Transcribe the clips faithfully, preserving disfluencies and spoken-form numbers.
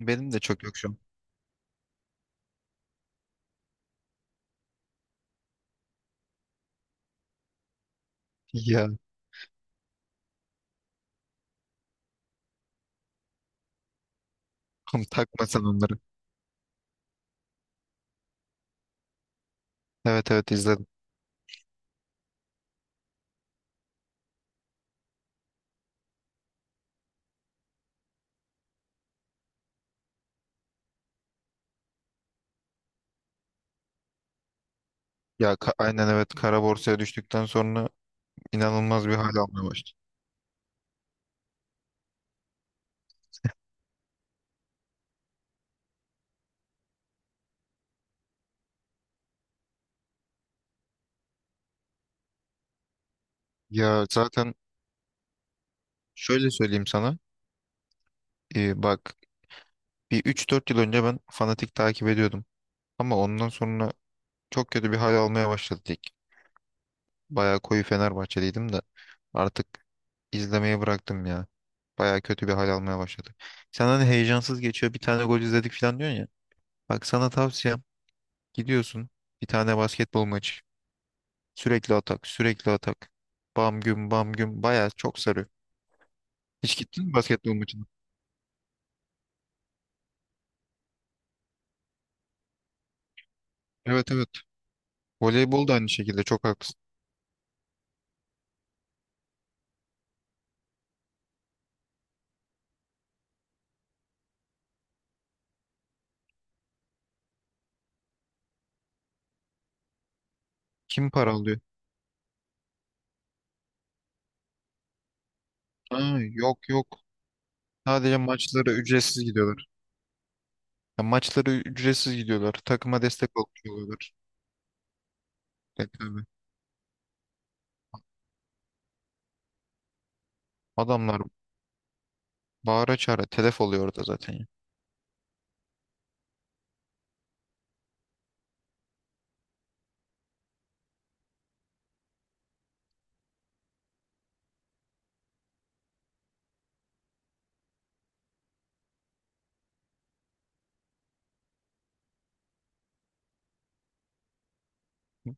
Benim de çok yok şu an. Ya, takma sen onları. Evet, evet, izledim. Ya, ka- aynen, evet, kara borsaya düştükten sonra inanılmaz bir hal almaya başladı. Ya zaten şöyle söyleyeyim sana. Ee, bak, bir üç dört yıl önce ben fanatik takip ediyordum. Ama ondan sonra çok kötü bir hal almaya başladı lig. Bayağı koyu Fenerbahçeliydim de artık izlemeyi bıraktım ya. Bayağı kötü bir hal almaya başladı. Sen hani heyecansız geçiyor, bir tane gol izledik falan diyorsun ya. Bak, sana tavsiyem: gidiyorsun bir tane basketbol maçı. Sürekli atak, sürekli atak. Bam güm, bam güm, bayağı çok sarıyor. Hiç gittin mi basketbol maçına? Evet, evet. Voleybol da aynı şekilde, çok haklısın. Kim para alıyor? Ha, yok, yok. Sadece maçlara ücretsiz gidiyorlar. Ya, maçlara ücretsiz gidiyorlar. Takıma destek oluyorlar. E, tabii. Adamlar bağıra çağıra telef oluyor orada zaten ya.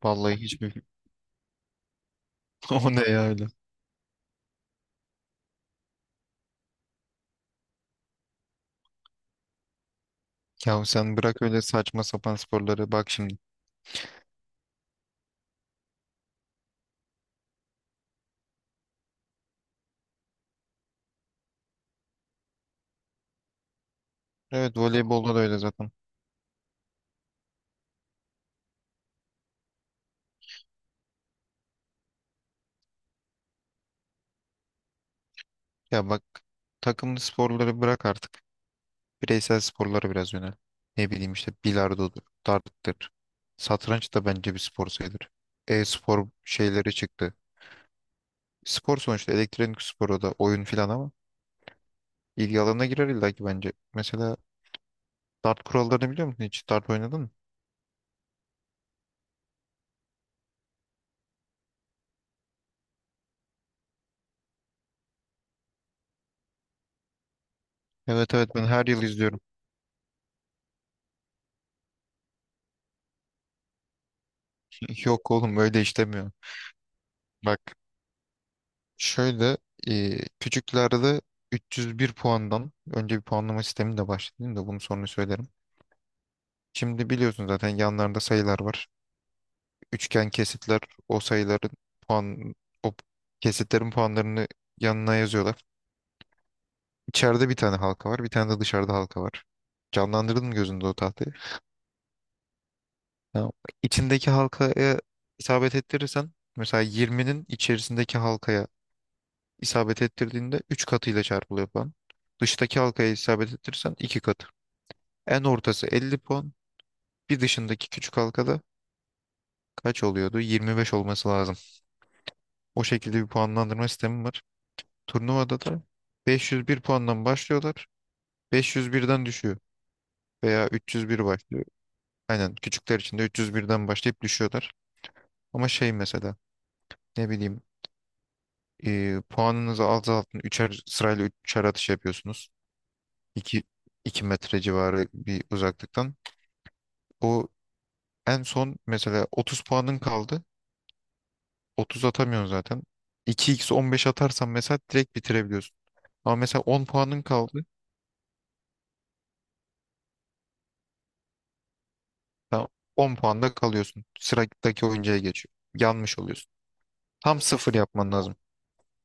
Vallahi hiçbir... O ne ya öyle? Ya sen bırak öyle saçma sapan sporları, bak şimdi. Evet, voleybolda da öyle zaten. Ya bak, takımlı sporları bırak artık. Bireysel sporlara biraz yönel. Ne bileyim işte, bilardodur, darttır. Satranç da bence bir spor sayılır. E-spor şeyleri çıktı. Spor sonuçta elektronik spor, o da oyun filan ama ilgi alanına girer illa ki bence. Mesela dart kurallarını biliyor musun hiç? Dart oynadın mı? Evet, evet, ben her yıl izliyorum. Yok oğlum, öyle işlemiyor. Bak şöyle, e, küçüklerde üç yüz bir puandan önce bir puanlama sistemi de başladı, değil mi? De bunu sonra söylerim. Şimdi biliyorsun zaten yanlarında sayılar var. Üçgen kesitler, o sayıların puan, o kesitlerin puanlarını yanına yazıyorlar. İçeride bir tane halka var, bir tane de dışarıda halka var. Canlandırdın mı gözünde o tahtayı? Ha, içindeki halkaya isabet ettirirsen, mesela yirminin içerisindeki halkaya isabet ettirdiğinde üç katıyla çarpılıyor puan. Dıştaki halkaya isabet ettirirsen iki katı. En ortası elli puan. Bir dışındaki küçük halkada kaç oluyordu? yirmi beş olması lazım. O şekilde bir puanlandırma sistemi var. Turnuvada da beş yüz bir puandan başlıyorlar. beş yüz birden düşüyor. Veya üç yüz bir başlıyor. Aynen küçükler için de üç yüz birden başlayıp düşüyorlar. Ama şey mesela, ne bileyim, e, puanınızı azaltın. Üçer, sırayla üçer atış yapıyorsunuz. iki 2 metre civarı bir uzaklıktan. O en son mesela otuz puanın kaldı. otuz atamıyorsun zaten. iki kere on beş atarsan mesela direkt bitirebiliyorsun. Ama mesela on puanın kaldı. Tamam. on puanda kalıyorsun. Sıradaki oyuncuya geçiyor. Yanmış oluyorsun. Tam sıfır yapman lazım.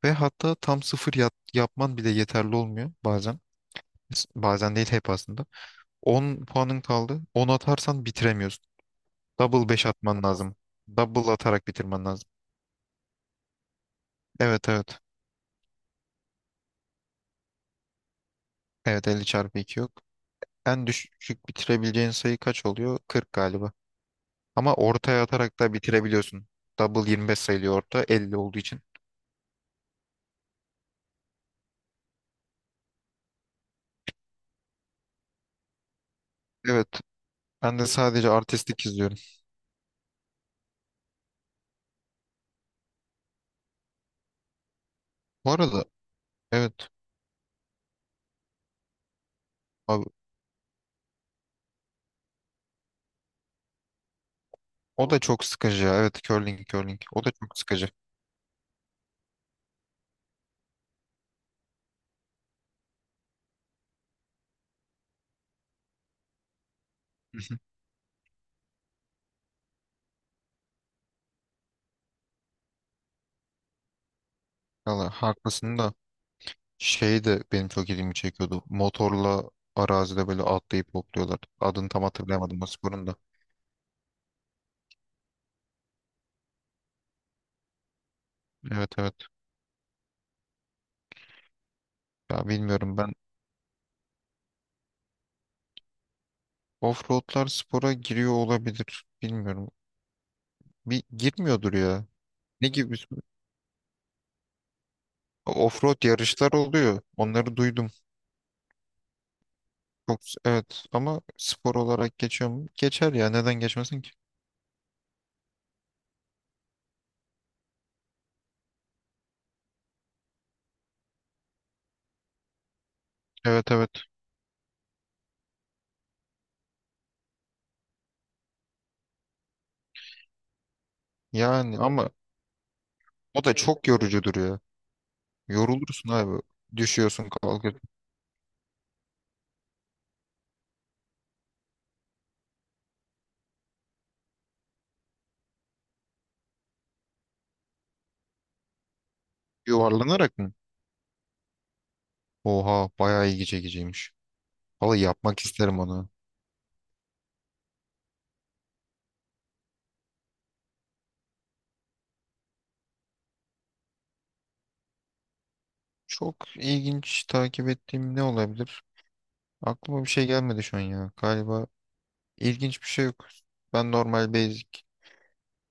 Ve hatta tam sıfır yap- yapman bile yeterli olmuyor bazen. S- Bazen değil, hep aslında. on puanın kaldı. on atarsan bitiremiyorsun. Double beş atman lazım. Double atarak bitirmen lazım. Evet, evet. Evet, elli çarpı iki yok. En düşük bitirebileceğin sayı kaç oluyor? kırk galiba. Ama ortaya atarak da bitirebiliyorsun. Double yirmi beş sayılıyor, orta elli olduğu için. Evet. Ben de sadece artistik izliyorum. Bu arada, evet abi, o da çok sıkıcı ya. Evet, curling, curling, o da çok sıkıcı. Hı hı. Valla haklısın da şey de benim çok ilgimi çekiyordu. Motorla arazide böyle atlayıp hopluyorlar. Adını tam hatırlayamadım o sporun da. Evet, evet, ya bilmiyorum ben, offroadlar spora giriyor olabilir. Bilmiyorum, bir girmiyordur ya. Ne gibi bir- Offroad yarışlar oluyor. Onları duydum. Çok evet, ama spor olarak geçiyor mu? Geçer ya, neden geçmesin ki? Evet, evet. Yani ama o da çok yorucudur ya. Yorulursun abi. Düşüyorsun, kalkıyorsun. Yuvarlanarak mı? Oha, bayağı ilgi çekiciymiş. Vallahi yapmak isterim onu. Çok ilginç takip ettiğim ne olabilir? Aklıma bir şey gelmedi şu an ya. Galiba ilginç bir şey yok. Ben normal basic,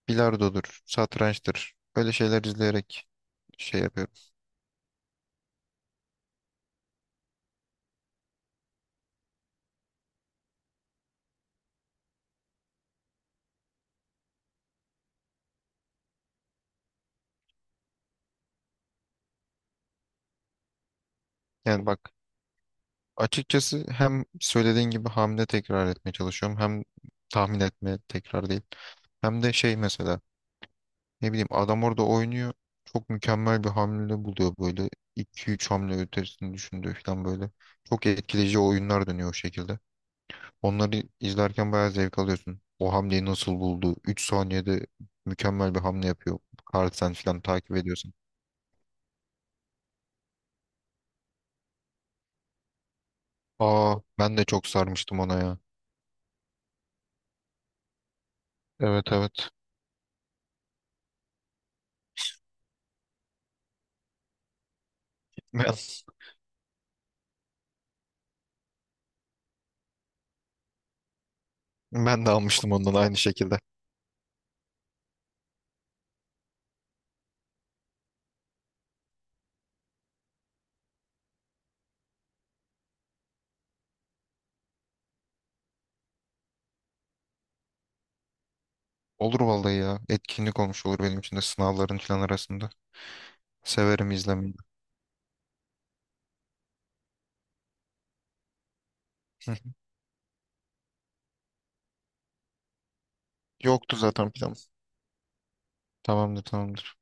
bilardodur, satrançtır. Böyle şeyler izleyerek şey yapıyorum. Yani bak, açıkçası hem söylediğin gibi hamle tekrar etmeye çalışıyorum. Hem tahmin etme, tekrar değil. Hem de şey, mesela ne bileyim, adam orada oynuyor. Çok mükemmel bir hamle buluyor böyle. İki üç hamle ötesini düşündüğü falan böyle. Çok etkileyici oyunlar dönüyor o şekilde. Onları izlerken bayağı zevk alıyorsun. O hamleyi nasıl buldu? Üç saniyede mükemmel bir hamle yapıyor. Carlsen falan takip ediyorsun. Aa, ben de çok sarmıştım ona ya. Evet, evet. Ben, ben de almıştım ondan aynı şekilde. Olur vallahi ya. Etkinlik olmuş olur benim için de, sınavların falan arasında. Severim izlemeyi. Hı. Yoktu zaten plan. Tamamdır, tamamdır.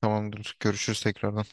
Tamamdır. Görüşürüz tekrardan.